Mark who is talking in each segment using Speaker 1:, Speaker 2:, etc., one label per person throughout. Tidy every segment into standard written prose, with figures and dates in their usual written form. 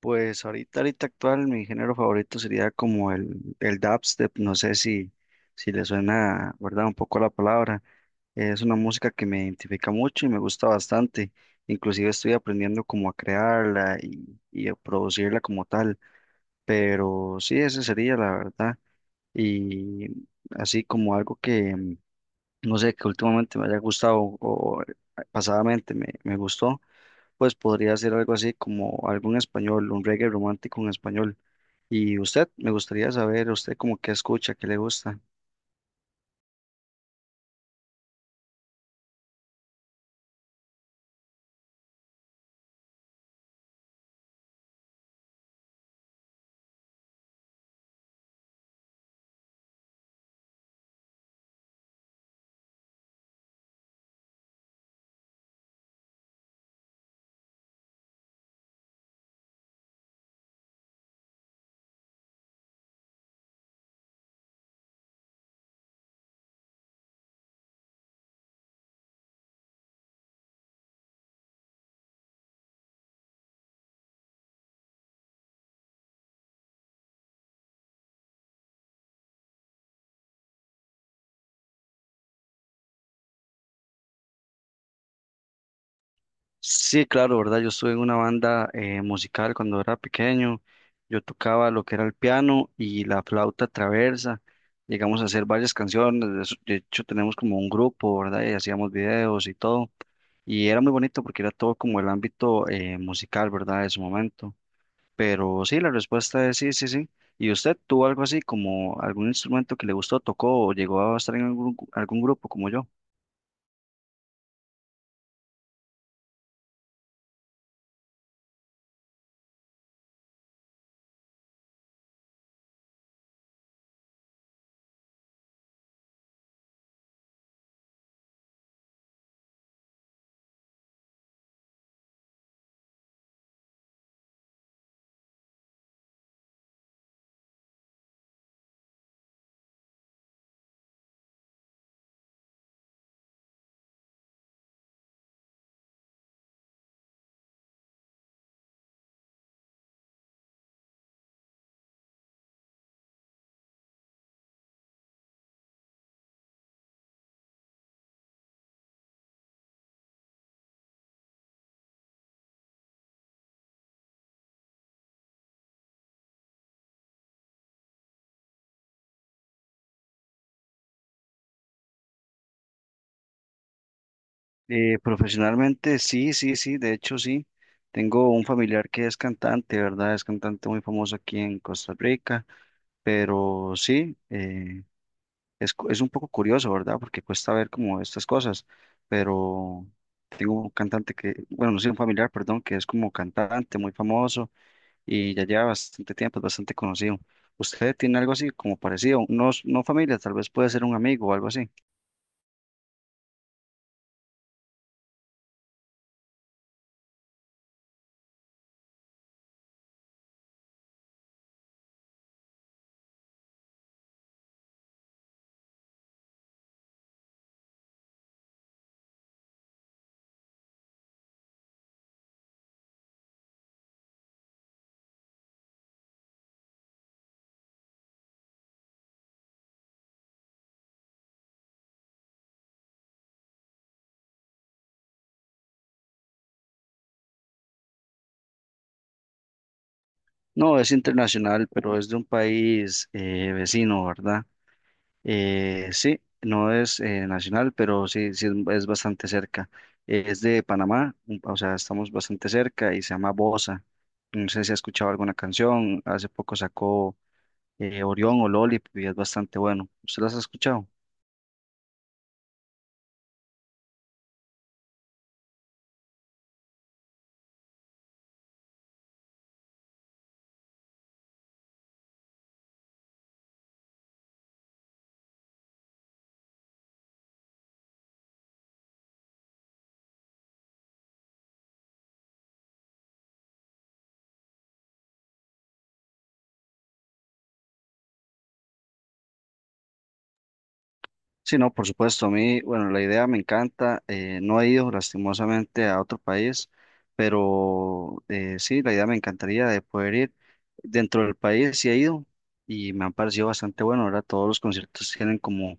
Speaker 1: Pues ahorita actual, mi género favorito sería como el dubstep, no sé si le suena, ¿verdad? Un poco la palabra. Es una música que me identifica mucho y me gusta bastante. Inclusive estoy aprendiendo como a crearla y a producirla como tal. Pero sí, ese sería la verdad. Y así como algo que, no sé, que últimamente me haya gustado o pasadamente me gustó, pues podría ser algo así como algo en español, un reggae romántico en español. Y usted, me gustaría saber, usted como qué escucha, qué le gusta. Sí, claro, ¿verdad? Yo estuve en una banda musical cuando era pequeño. Yo tocaba lo que era el piano y la flauta traversa. Llegamos a hacer varias canciones. De hecho, tenemos como un grupo, ¿verdad? Y hacíamos videos y todo. Y era muy bonito porque era todo como el ámbito musical, ¿verdad? De su momento. Pero sí, la respuesta es sí, sí, sí. ¿Y usted tuvo algo así como algún instrumento que le gustó, tocó o llegó a estar en algún grupo como yo? Profesionalmente, sí, sí, sí, de hecho sí. Tengo un familiar que es cantante, ¿verdad? Es cantante muy famoso aquí en Costa Rica, pero sí, es, es un poco curioso, ¿verdad? Porque cuesta ver como estas cosas, pero tengo un cantante que, bueno, no sé, un familiar, perdón, que es como cantante muy famoso y ya lleva bastante tiempo, es bastante conocido. ¿Usted tiene algo así como parecido? No, no familia, tal vez puede ser un amigo o algo así. No, es internacional, pero es de un país vecino, ¿verdad? Sí, no es nacional, pero sí, sí es bastante cerca. Es de Panamá, o sea, estamos bastante cerca y se llama Bosa. No sé si ha escuchado alguna canción, hace poco sacó Orión o Lollipop y es bastante bueno. ¿Usted las ha escuchado? Sí, no, por supuesto, a mí, bueno, la idea me encanta, no he ido lastimosamente a otro país, pero sí, la idea me encantaría de poder ir dentro del país, sí he ido y me han parecido bastante bueno, ahora todos los conciertos tienen como,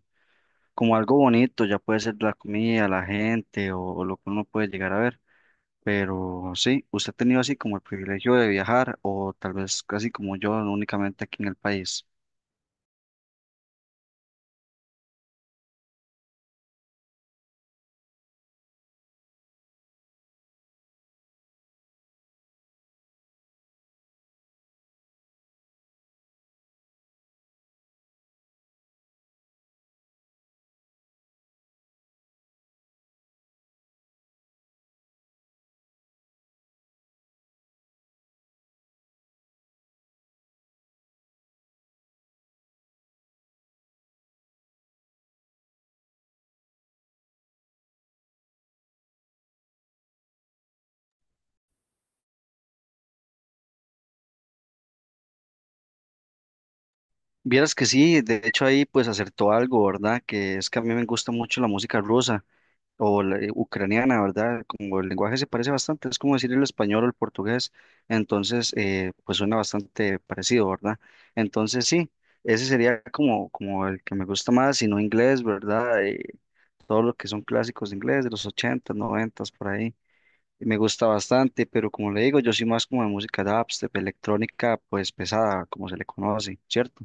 Speaker 1: como algo bonito, ya puede ser la comida, la gente o lo que uno puede llegar a ver, pero sí, ¿usted ha tenido así como el privilegio de viajar o tal vez casi como yo, únicamente aquí en el país? Vieras que sí, de hecho ahí pues acertó algo, ¿verdad? Que es que a mí me gusta mucho la música rusa o la, ucraniana, ¿verdad? Como el lenguaje se parece bastante, es como decir el español o el portugués, entonces pues suena bastante parecido, ¿verdad? Entonces sí, ese sería como, como el que me gusta más, sino inglés, ¿verdad? Todo lo que son clásicos de inglés de los ochentas noventas por ahí. Me gusta bastante, pero como le digo, yo soy más como de música dubstep, electrónica, pues pesada, como se le conoce, ¿cierto?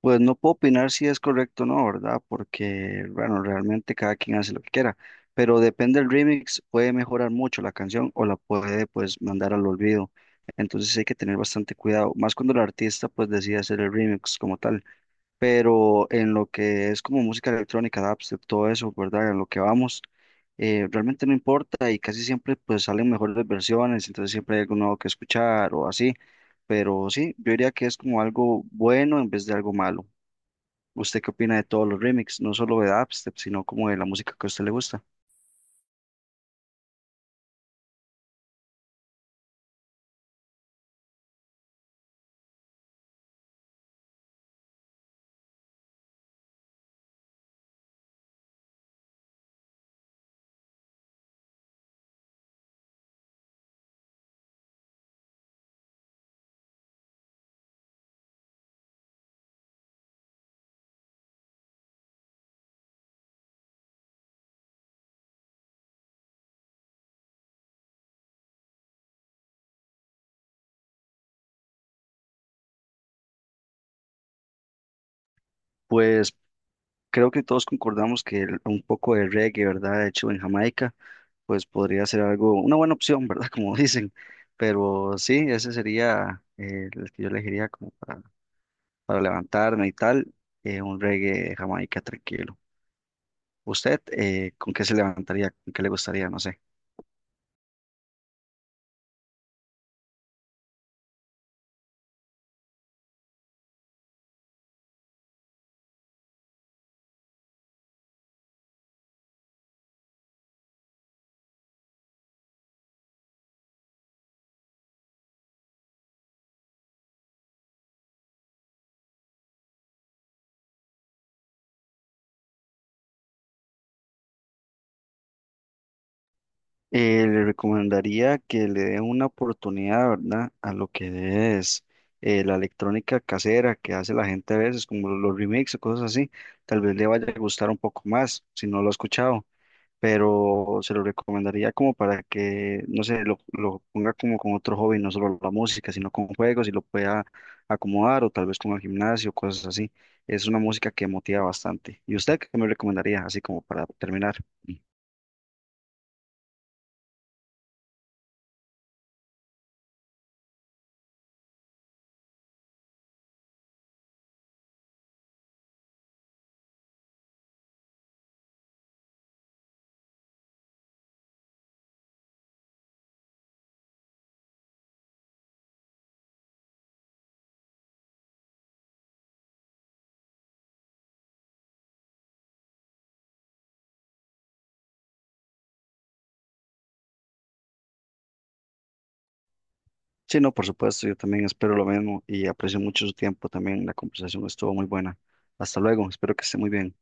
Speaker 1: Pues no puedo opinar si es correcto o no, ¿verdad? Porque, bueno, realmente cada quien hace lo que quiera, pero depende del remix, puede mejorar mucho la canción o la puede pues mandar al olvido. Entonces hay que tener bastante cuidado, más cuando el artista pues decide hacer el remix como tal, pero en lo que es como música electrónica, dubstep, todo eso, ¿verdad? En lo que vamos, realmente no importa y casi siempre pues salen mejores versiones, entonces siempre hay algo nuevo que escuchar o así, pero sí, yo diría que es como algo bueno en vez de algo malo. ¿Usted qué opina de todos los remixes? No solo de dubstep, sino como de la música que a usted le gusta. Pues creo que todos concordamos que un poco de reggae, ¿verdad? Hecho en Jamaica, pues podría ser algo, una buena opción, ¿verdad? Como dicen. Pero sí, ese sería el que yo elegiría como para levantarme y tal, un reggae de Jamaica tranquilo. ¿Usted con qué se levantaría? ¿Con qué le gustaría? No sé. Le recomendaría que le dé una oportunidad, ¿verdad? A lo que es la electrónica casera que hace la gente a veces, como los remixes o cosas así. Tal vez le vaya a gustar un poco más, si no lo ha escuchado, pero se lo recomendaría como para que, no sé, lo ponga como con otro hobby, no solo la música, sino con juegos y lo pueda acomodar o tal vez con el gimnasio, cosas así. Es una música que motiva bastante. ¿Y usted qué me recomendaría, así como para terminar? Sí, no, por supuesto, yo también espero lo mismo y aprecio mucho su tiempo también. La conversación estuvo muy buena. Hasta luego, espero que esté muy bien.